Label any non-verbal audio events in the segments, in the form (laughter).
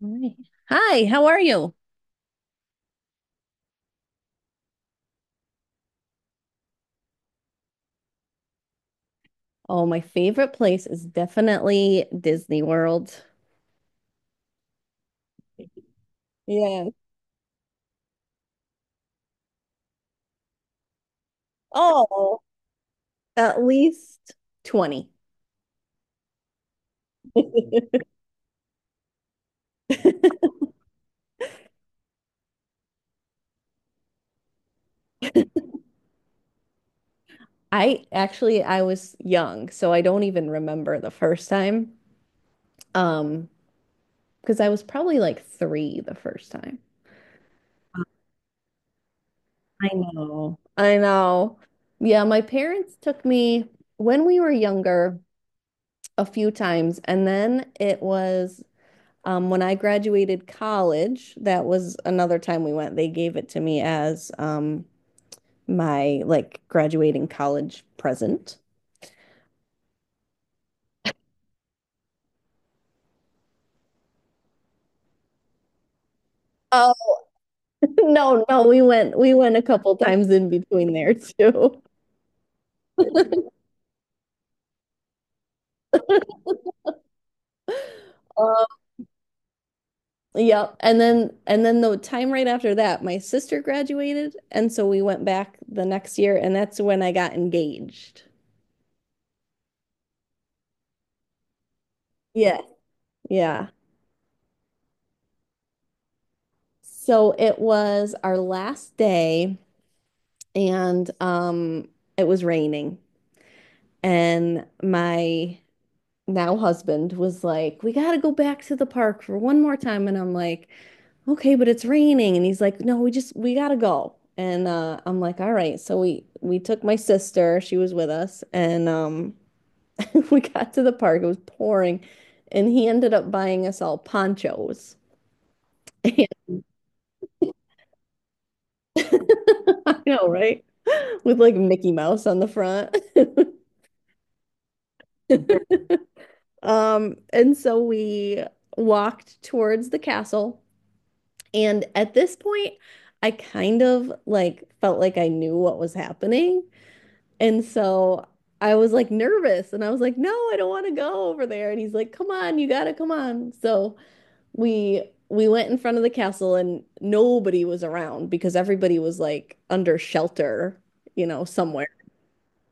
Right. Hi, how are you? Oh, my favorite place is definitely Disney World. Yeah. Oh, at least 20. (laughs) I was young, so I don't even remember the first time. Um, because I was probably like three the first time. I know. I know. Yeah, my parents took me when we were younger a few times, and then it was when I graduated college, that was another time we went. They gave it to me as my like graduating college present. Oh, (laughs) no, we went a couple times in between there (laughs) too. Um, yep. And then the time right after that, my sister graduated, and so we went back the next year, and that's when I got engaged. Yeah, yeah. So it was our last day, and it was raining. And my now husband was like, "We got to go back to the park for one more time." And I'm like, "Okay, but it's raining." And he's like, "No, we got to go." And I'm like, "All right." So we took my sister, she was with us, and (laughs) we got to the park. It was pouring. And he ended up buying us all ponchos. (laughs) I know, right? With like Mickey Mouse on the front. (laughs) And so we walked towards the castle. And at this point, I kind of like felt like I knew what was happening. And so I was like nervous and I was like, no, I don't want to go over there. And he's like, come on, you gotta come on. So we went in front of the castle and nobody was around because everybody was like under shelter, you know, somewhere.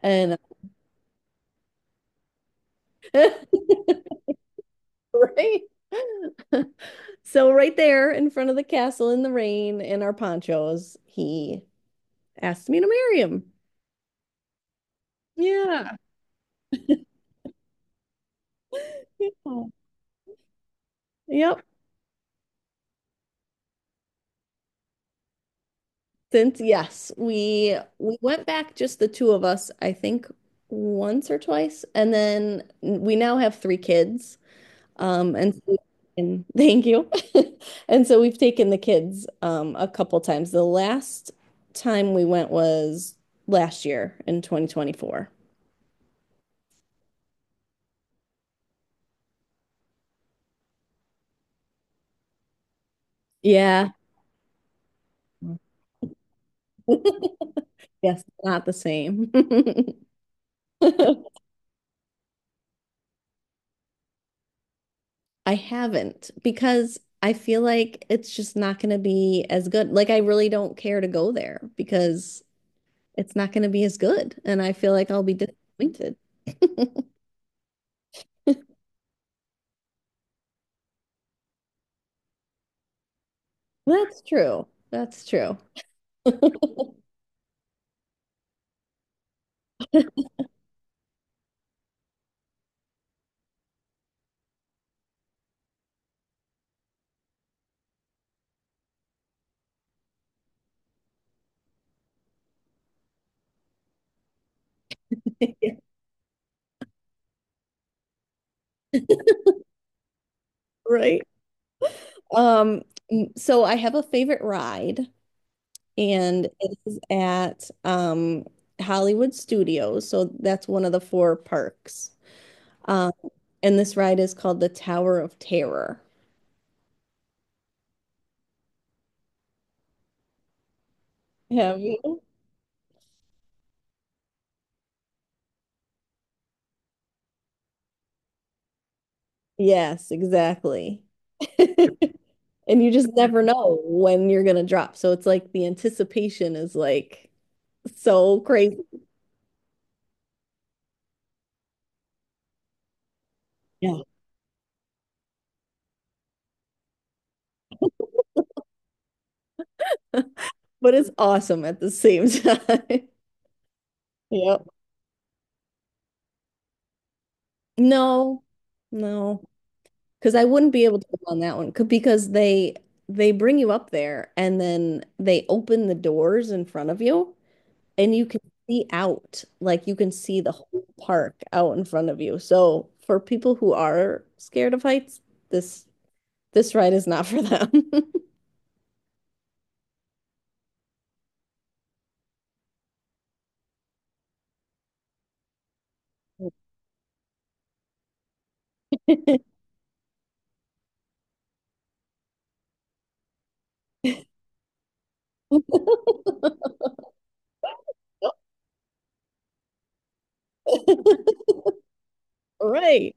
And (laughs) right. So right there in front of the castle in the rain in our ponchos, he asked me to marry him. Yeah. Yeah. Yep. Since yes, we went back just the two of us, I think once or twice, and then we now have three kids. And so- (laughs) and thank you. (laughs) And so we've taken the kids a couple times. The last time we went was last year in 2024. Yeah. Yes, not the same. (laughs) I haven't because I feel like it's just not going to be as good. Like, I really don't care to go there because it's not going to be as good. And I feel like I'll be disappointed. (laughs) That's true. That's true. (laughs) Right. Um, so I have a favorite ride, and it is at Hollywood Studios. So that's one of the four parks. Um, and this ride is called the Tower of Terror. Have you? Yes, exactly. (laughs) And you just never know when you're gonna drop. So it's like the anticipation is like so crazy. Yeah. But it's awesome at the same time. (laughs) Yep. No, no. Because I wouldn't be able to go on that one because they bring you up there and then they open the doors in front of you and you can see out. Like you can see the whole park out in front of you. So for people who are scared of heights, this this ride is not for them. (laughs) (laughs) Right.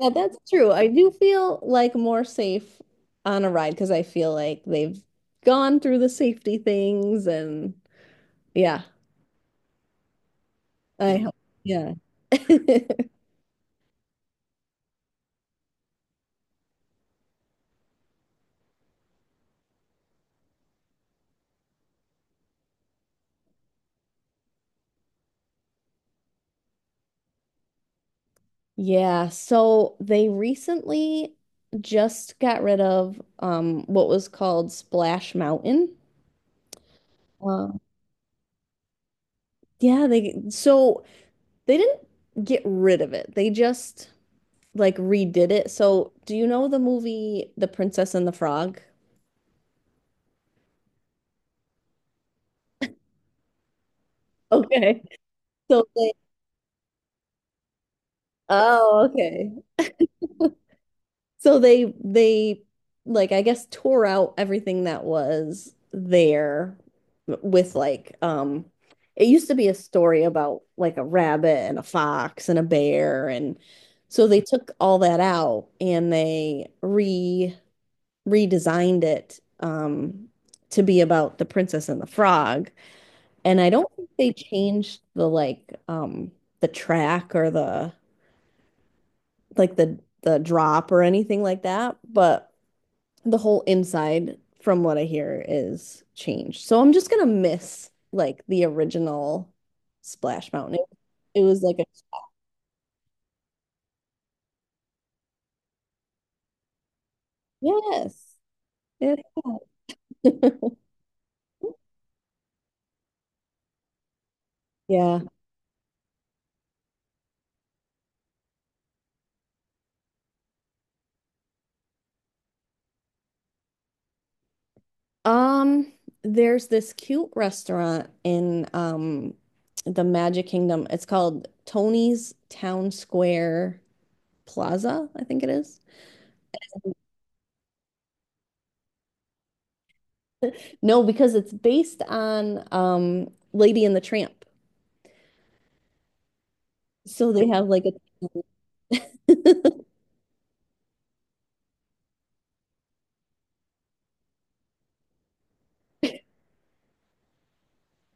Yeah, that's true. I do feel like more safe on a ride because I feel like they've gone through the safety things and yeah, I hope. Yeah. (laughs) Yeah, so they recently just got rid of what was called Splash Mountain. Wow. Yeah, they so they didn't get rid of it. They just like redid it. So, do you know the movie The Princess and the Frog? Okay. So they, oh, okay. So they like I guess tore out everything that was there with like it used to be a story about like a rabbit and a fox and a bear and so they took all that out and they re redesigned it to be about the princess and the frog. And I don't think they changed the like the track or the like the drop or anything like that, but the whole inside, from what I hear, is changed. So I'm just gonna miss like the original Splash Mountain. It was like a yes. It- (laughs) yeah. Um, there's this cute restaurant in the Magic Kingdom. It's called Tony's Town Square Plaza, I think it is. No, because it's based on Lady and the Tramp. So they have like a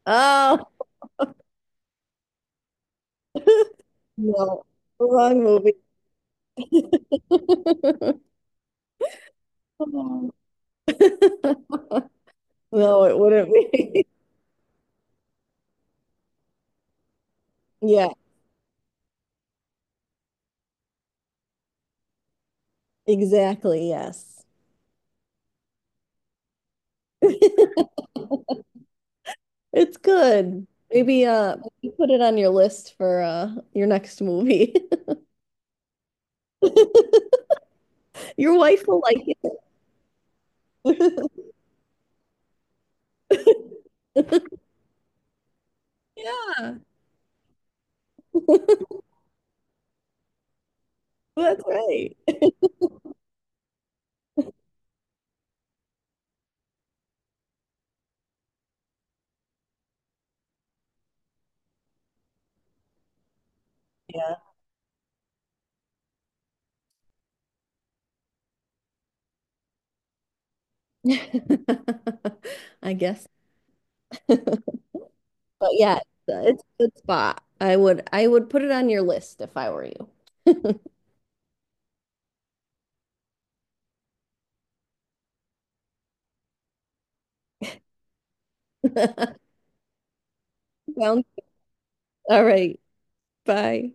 oh (laughs) no, wrong movie. (laughs) Oh. (laughs) No, it wouldn't be. (laughs) Yeah, exactly. Yes. It's good. Maybe maybe put it on your list for your next movie. (laughs) Your wife will like it. (laughs) Yeah. (laughs) That's right. Yeah. (laughs) I guess. But yeah, it's a good spot. I would put it on your list if I were you. (laughs) Sounds all right. Bye.